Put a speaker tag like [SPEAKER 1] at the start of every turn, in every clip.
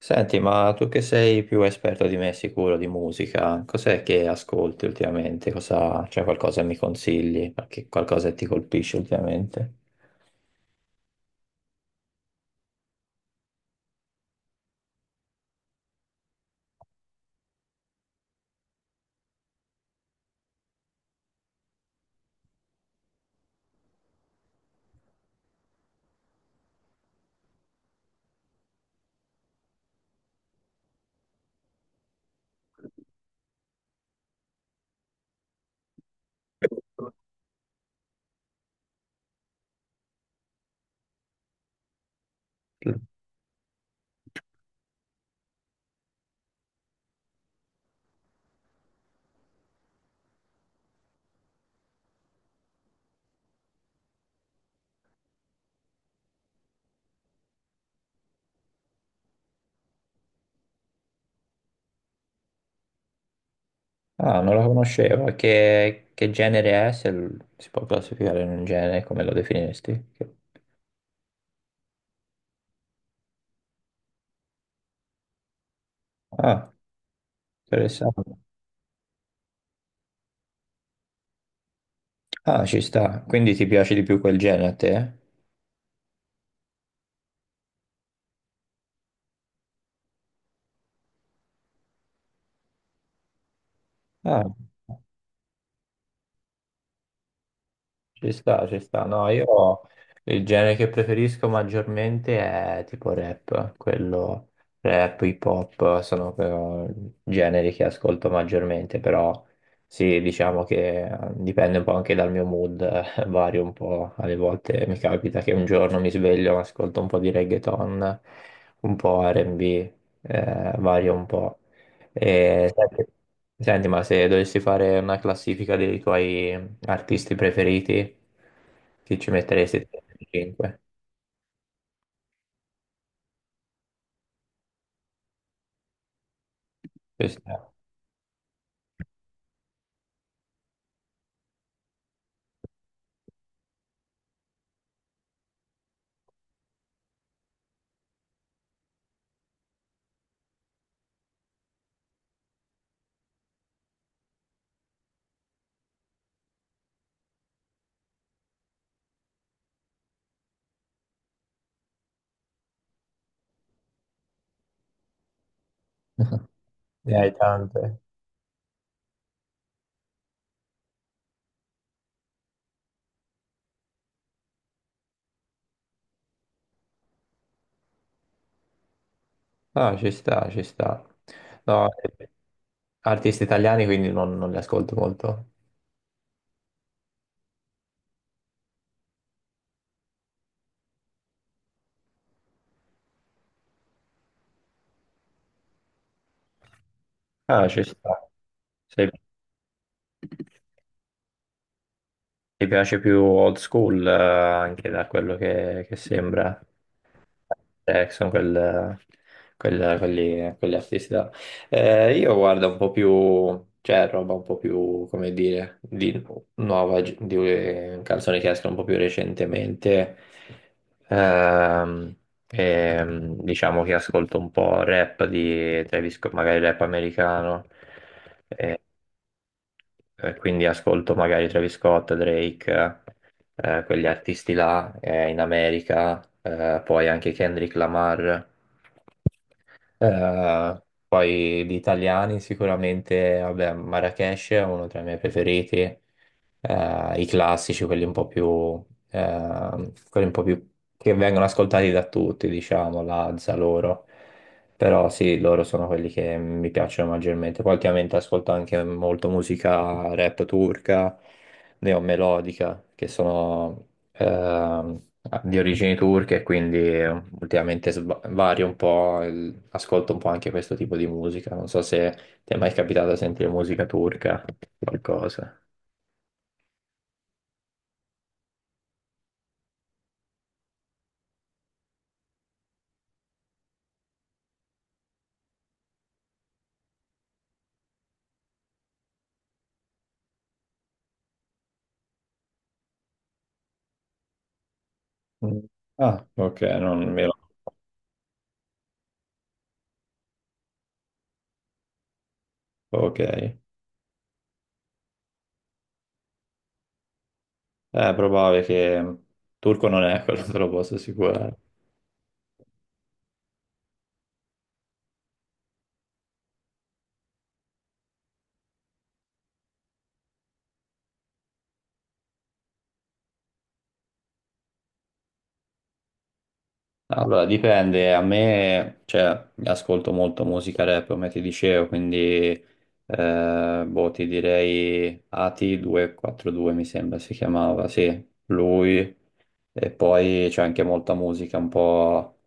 [SPEAKER 1] Senti, ma tu che sei più esperto di me sicuro di musica, cos'è che ascolti ultimamente? Cosa, c'è qualcosa che mi consigli? Qualcosa che ti colpisce ultimamente? Ah, non la conoscevo. E che genere è? Se si può classificare in un genere, come lo definiresti? Ah, interessante. Ah, ci sta. Quindi ti piace di più quel genere a te? Ah. Ci sta, ci sta. No, io il genere che preferisco maggiormente è tipo rap, quello rap, hip hop sono eh, generi che ascolto maggiormente, però sì, diciamo che dipende un po' anche dal mio mood, vario un po'. Alle volte mi capita che un giorno mi sveglio, ascolto un po' di reggaeton, un po' R&B, vario un po'. E, senti, ma se dovessi fare una classifica dei tuoi artisti preferiti? Chi ci metteresti 5? Ci sta. Ne hai tante. No, ci sta, ci sta. No, artisti italiani quindi non li ascolto molto. Ah, ci sta. Se ti piace più old school, anche da quello che sembra. Jackson, quegli artisti là. Io guardo un po' più, cioè roba un po' più, come dire, di nuova, di canzoni che escono un po' più recentemente. Ehm, diciamo che ascolto un po' rap di Travis Scott, magari rap americano. Quindi ascolto magari Travis Scott, Drake, quegli artisti là in America, poi anche Kendrick Lamar, eh, poi gli italiani sicuramente, vabbè, Marrakesh è uno tra i miei preferiti, i classici, quelli un po' più che vengono ascoltati da tutti, diciamo, Lazza loro. Però sì, loro sono quelli che mi piacciono maggiormente. Poi ultimamente ascolto anche molto musica rap turca, neomelodica, che sono ehm, di origini turche, quindi ultimamente vario un po', ascolto un po' anche questo tipo di musica. Non so se ti è mai capitato di sentire musica turca, qualcosa. Mm. Ah, ok, non mi Ok. È probabile che turco non è quello, te lo posso assicurare. Allora, dipende, a me, cioè, ascolto molto musica rap, come ti dicevo, quindi, boh, ti direi Ati 242, mi sembra si chiamava, sì, lui, e poi c'è anche molta musica un po',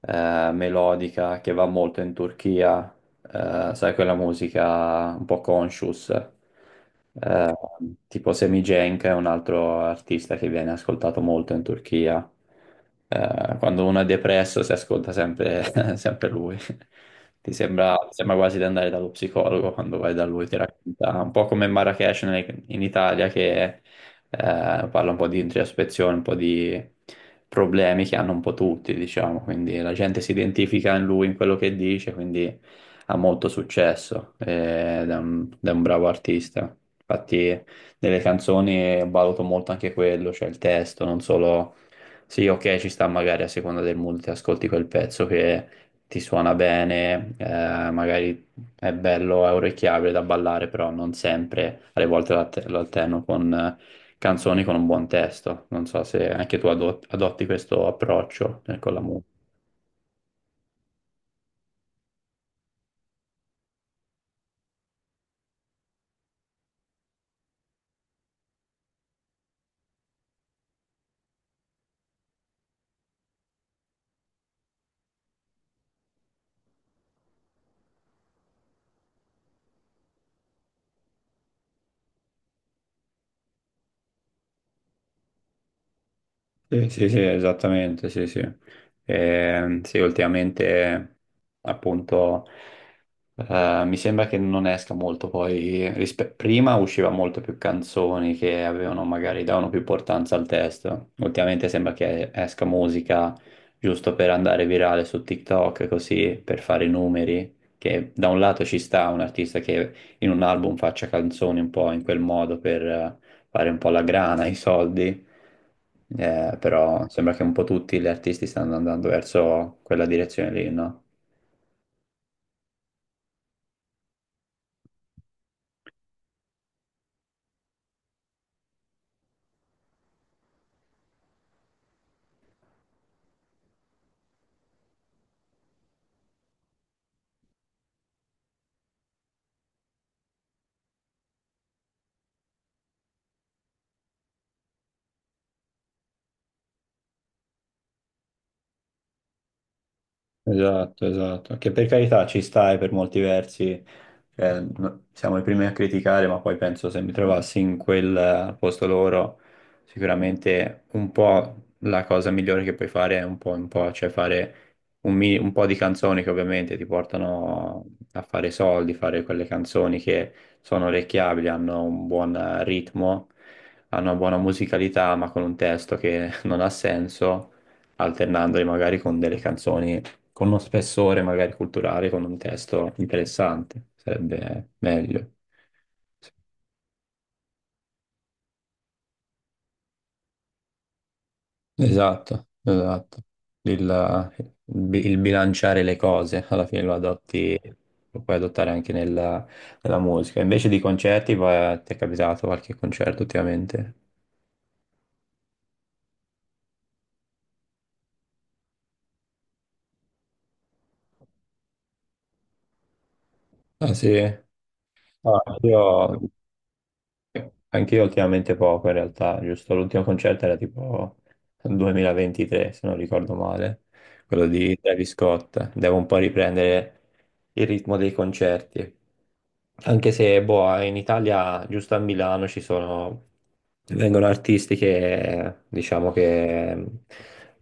[SPEAKER 1] melodica che va molto in Turchia, sai quella musica un po' conscious, eh, tipo Semicenk è un altro artista che viene ascoltato molto in Turchia. Quando uno è depresso si ascolta sempre, sempre lui. Ti sembra quasi di andare dallo psicologo quando vai da lui, ti racconta un po' come Marrakesh in Italia che parla un po' di introspezione, un po' di problemi che hanno un po' tutti, diciamo, quindi la gente si identifica in lui, in quello che dice, quindi ha molto successo ed è un bravo artista. Infatti nelle canzoni valuto molto anche quello, cioè il testo, non solo. Sì, ok, ci sta magari a seconda del mood, ti ascolti quel pezzo che ti suona bene, magari è bello, è orecchiabile da ballare, però non sempre, alle volte lo alterno con canzoni con un buon testo. Non so se anche tu adotti questo approccio con la musica. Sì, sì, sì, esattamente, sì, sì. Sì, ultimamente appunto. Mi sembra che non esca molto poi, prima usciva molto più canzoni che avevano magari davano più importanza al testo. Ultimamente sembra che esca musica giusto per andare virale su TikTok, così per fare i numeri, che da un lato ci sta un artista che in un album faccia canzoni un po' in quel modo per fare un po' la grana, i soldi. Però sembra che un po' tutti gli artisti stanno andando verso quella direzione lì, no? Esatto, esatto, che per carità ci stai per molti versi, cioè, siamo i primi a criticare, ma poi penso se mi trovassi in quel al posto loro, sicuramente un po' la cosa migliore che puoi fare è un po', cioè fare un po' di canzoni che ovviamente ti portano a fare soldi, fare quelle canzoni che sono orecchiabili, hanno un buon ritmo, hanno una buona musicalità, ma con un testo che non ha senso, alternandoli magari con delle canzoni con uno spessore magari culturale, con un testo interessante, sarebbe meglio. Sì, esatto, esatto. Il, il bilanciare le cose, alla fine lo adotti, lo puoi adottare anche nella, nella musica. Invece di concerti, ti è capitato qualche concerto ultimamente? Ah sì? Ah, io Anch'io ultimamente poco in realtà, giusto? L'ultimo concerto era tipo 2023, se non ricordo male, quello di Travis Scott. Devo un po' riprendere il ritmo dei concerti. Anche se, boh, in Italia, giusto a Milano, ci sono, vengono artisti che, diciamo che,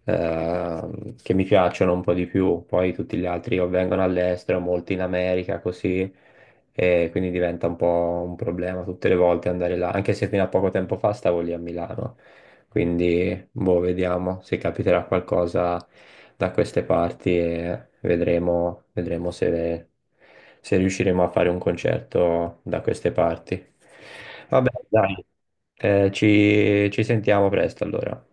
[SPEAKER 1] eh, che mi piacciono un po' di più, poi tutti gli altri o vengono all'estero, molti in America, così e quindi diventa un po' un problema tutte le volte andare là, anche se fino a poco tempo fa stavo lì a Milano, quindi boh, vediamo se capiterà qualcosa da queste parti e vedremo, vedremo se riusciremo a fare un concerto da queste parti. Vabbè, dai, ci sentiamo presto allora.